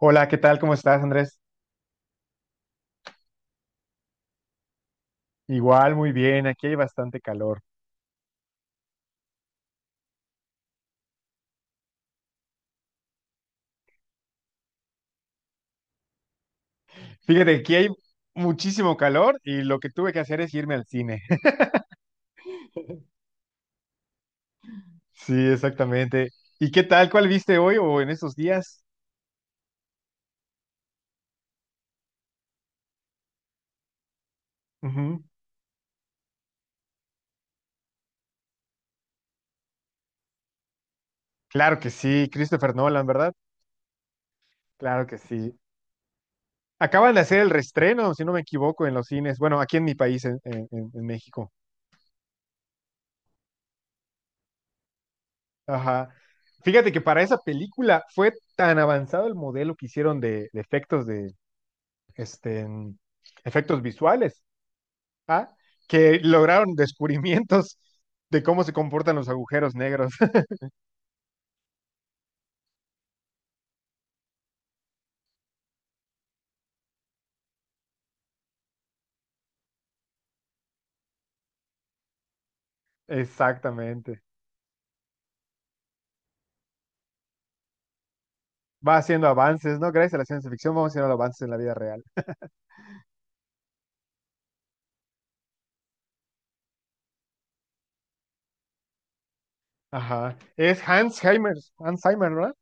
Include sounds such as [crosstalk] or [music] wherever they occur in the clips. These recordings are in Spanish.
Hola, ¿qué tal? ¿Cómo estás, Andrés? Igual, muy bien. Aquí hay bastante calor. Fíjate, aquí hay muchísimo calor y lo que tuve que hacer es irme al cine. [laughs] Sí, exactamente. ¿Y qué tal? ¿Cuál viste hoy o en estos días? Ujú. Claro que sí, Christopher Nolan, ¿verdad? Claro que sí. Acaban de hacer el reestreno, si no me equivoco, en los cines. Bueno, aquí en mi país, en México. Ajá. Fíjate que para esa película fue tan avanzado el modelo que hicieron de efectos de este, efectos visuales ah, que lograron descubrimientos de cómo se comportan los agujeros negros. [laughs] Exactamente. Va haciendo avances, ¿no? Gracias a la ciencia ficción vamos haciendo avances en la vida real. Ajá. Es Hans Heimer, Hans Heimer, ¿verdad?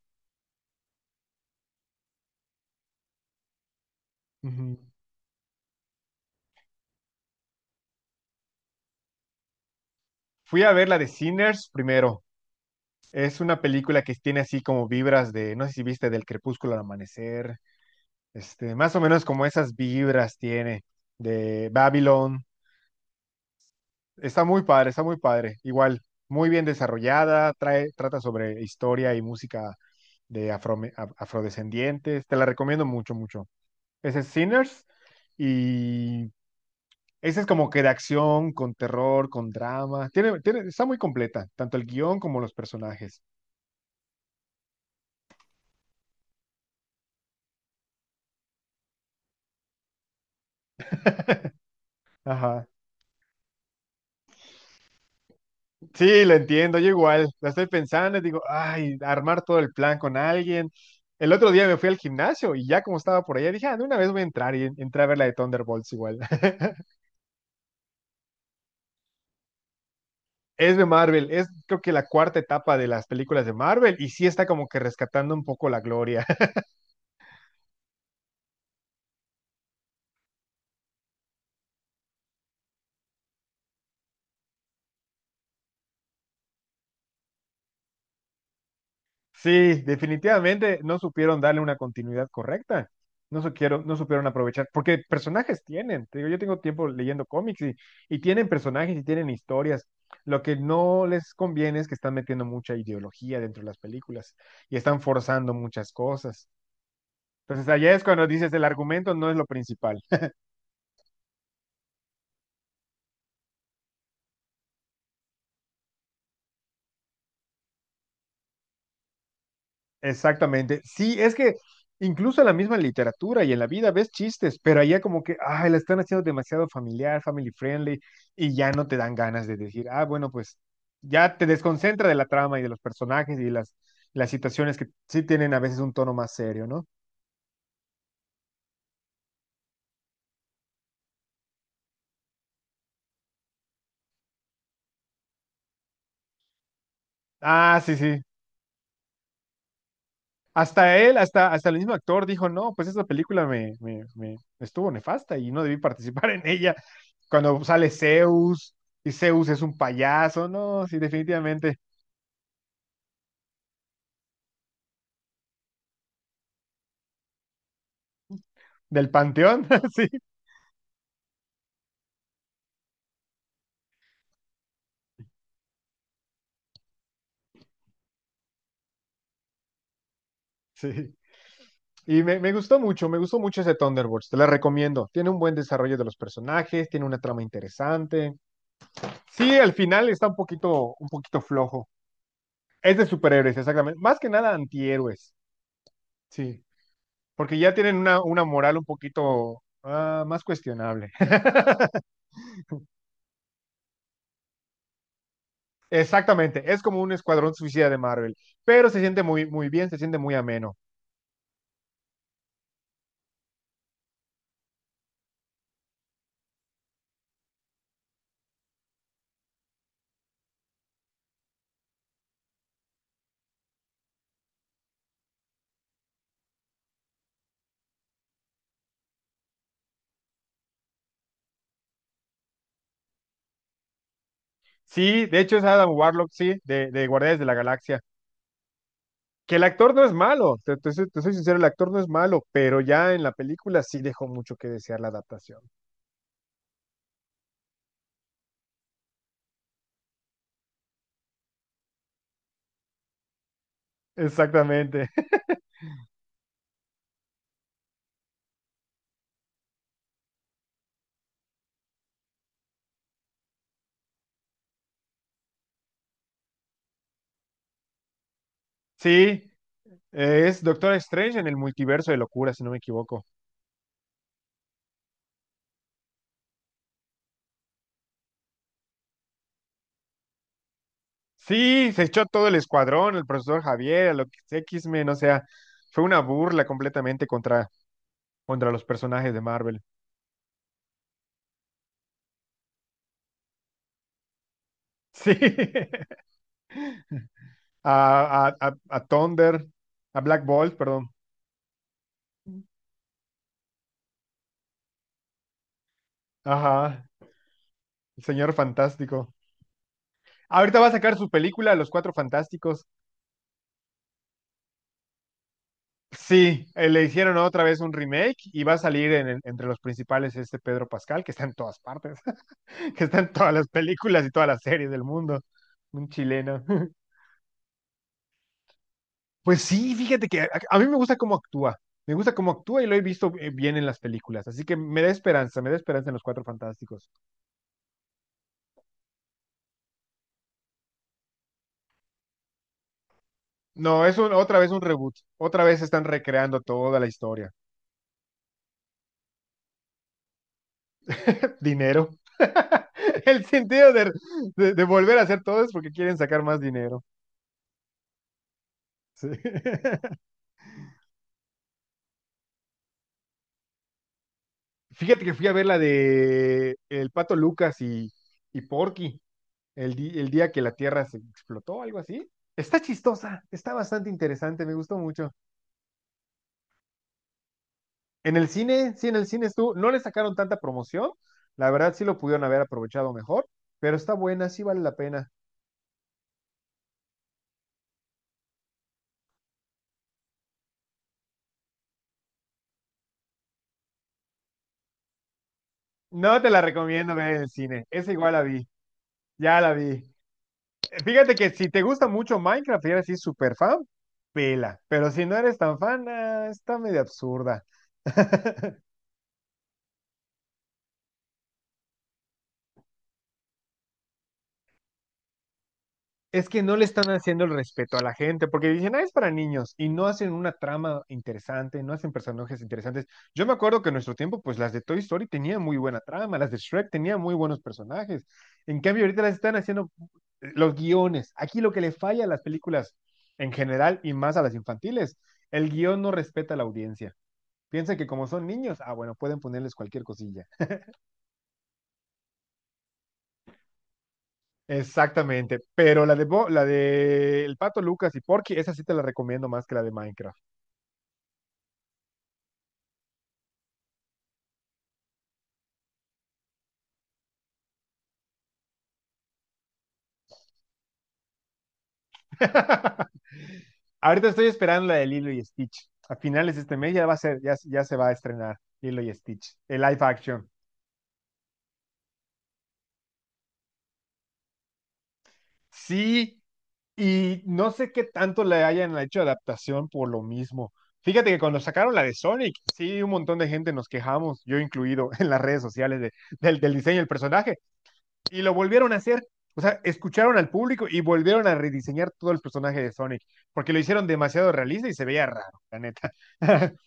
Ujú. Fui a ver la de Sinners primero. Es una película que tiene así como vibras de, no sé si viste, del crepúsculo al amanecer, más o menos como esas vibras tiene de Babylon. Está muy padre, está muy padre. Igual, muy bien desarrollada, trata sobre historia y música de afrodescendientes. Te la recomiendo mucho, mucho. Ese es Sinners y ese es como que de acción, con terror, con drama. Está muy completa, tanto el guión como los personajes. Ajá. Sí, lo entiendo, yo igual. La estoy pensando y digo, ay, armar todo el plan con alguien. El otro día me fui al gimnasio y ya como estaba por allá, dije, ah, de una vez voy a entrar y entré a ver la de Thunderbolts igual. [laughs] Es de Marvel, es creo que la cuarta etapa de las películas de Marvel y sí está como que rescatando un poco la gloria. [laughs] Sí, definitivamente no supieron darle una continuidad correcta. No supieron aprovechar, porque personajes tienen. Te digo, yo tengo tiempo leyendo cómics y tienen personajes y tienen historias. Lo que no les conviene es que están metiendo mucha ideología dentro de las películas y están forzando muchas cosas. Entonces allá es cuando dices el argumento no es lo principal. Exactamente. Sí, es que incluso en la misma literatura y en la vida ves chistes, pero allá como que, ay, la están haciendo demasiado familiar, family friendly, y ya no te dan ganas de decir, ah, bueno, pues ya te desconcentra de la trama y de los personajes y las situaciones que sí tienen a veces un tono más serio, ¿no? Ah, sí, sí. Hasta él, hasta el mismo actor dijo, no, pues esa película me estuvo nefasta y no debí [laughs] participar en ella. Cuando sale Zeus y Zeus es un payaso, no, sí, definitivamente. Del Panteón, [laughs] sí, sí. Y me gustó mucho ese Thunderbolts, te la recomiendo. Tiene un buen desarrollo de los personajes, tiene una trama interesante. Sí, al final está un poquito flojo. Es de superhéroes, exactamente. Más que nada antihéroes, sí. Porque ya tienen una moral un poquito más cuestionable. [laughs] Exactamente, es como un escuadrón suicida de Marvel, pero se siente muy, muy bien, se siente muy ameno. Sí, de hecho es Adam Warlock, sí, de Guardianes de la Galaxia. Que el actor no es malo, te soy sincero, el actor no es malo, pero ya en la película sí dejó mucho que desear la adaptación. Exactamente. [laughs] Sí, es Doctor Strange en el multiverso de locura, si no me equivoco. Sí, se echó todo el escuadrón, el profesor Javier, a lo que X-Men, o sea, fue una burla completamente contra los personajes de Marvel. Sí, [laughs] a Thunder, a Black Bolt, perdón. Ajá, el señor fantástico. Ahorita va a sacar su película, Los Cuatro Fantásticos. Sí, le hicieron otra vez un remake y va a salir entre los principales este Pedro Pascal, que está en todas partes, [laughs] que está en todas las películas y todas las series del mundo, un chileno. [laughs] Pues sí, fíjate que a mí me gusta cómo actúa, me gusta cómo actúa y lo he visto bien en las películas, así que me da esperanza en los Cuatro Fantásticos. No, es otra vez un reboot, otra vez están recreando toda la historia. [laughs] Dinero. [laughs] El sentido de, de volver a hacer todo es porque quieren sacar más dinero. Sí. [laughs] Fíjate que fui a ver la de El Pato Lucas y Porky, el día que la Tierra se explotó, algo así. Está chistosa, está bastante interesante, me gustó mucho. En el cine, sí, en el cine estuvo, no le sacaron tanta promoción, la verdad sí lo pudieron haber aprovechado mejor, pero está buena, sí vale la pena. No te la recomiendo ver en el cine, esa igual la vi, ya la vi. Fíjate que si te gusta mucho Minecraft y eres así súper fan, pela, pero si no eres tan fan, ah, está medio absurda. [laughs] Es que no le están haciendo el respeto a la gente, porque dicen, ah, es para niños, y no hacen una trama interesante, no hacen personajes interesantes. Yo me acuerdo que en nuestro tiempo, pues las de Toy Story tenían muy buena trama, las de Shrek tenían muy buenos personajes. En cambio, ahorita las están haciendo los guiones. Aquí lo que le falla a las películas en general y más a las infantiles, el guión no respeta a la audiencia. Piensan que como son niños, ah, bueno, pueden ponerles cualquier cosilla. Exactamente, pero la de, la de El Pato Lucas y Porky, esa sí te la recomiendo más que la de Minecraft. [laughs] Ahorita estoy esperando la de Lilo y Stitch. A finales de este mes ya va a ser, ya se va a estrenar Lilo y Stitch, el live action. Sí, y no sé qué tanto le hayan hecho adaptación por lo mismo. Fíjate que cuando sacaron la de Sonic, sí, un montón de gente nos quejamos, yo incluido, [laughs] en las redes sociales de, del diseño del personaje, y lo volvieron a hacer. O sea, escucharon al público y volvieron a rediseñar todo el personaje de Sonic, porque lo hicieron demasiado realista y se veía raro, la neta. [laughs]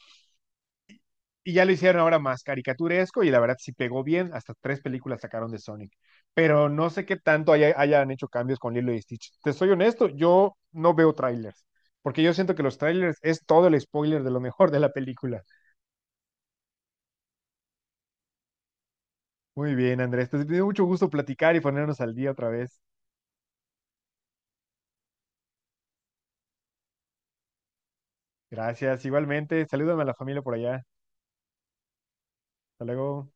Y ya lo hicieron ahora más caricaturesco y la verdad sí pegó bien, hasta tres películas sacaron de Sonic, pero no sé qué tanto hayan hecho cambios con Lilo y Stitch. Te soy honesto, yo no veo trailers, porque yo siento que los trailers es todo el spoiler de lo mejor de la película. Muy bien, Andrés, te dio mucho gusto platicar y ponernos al día otra vez. Gracias, igualmente, salúdame a la familia por allá. Hasta luego.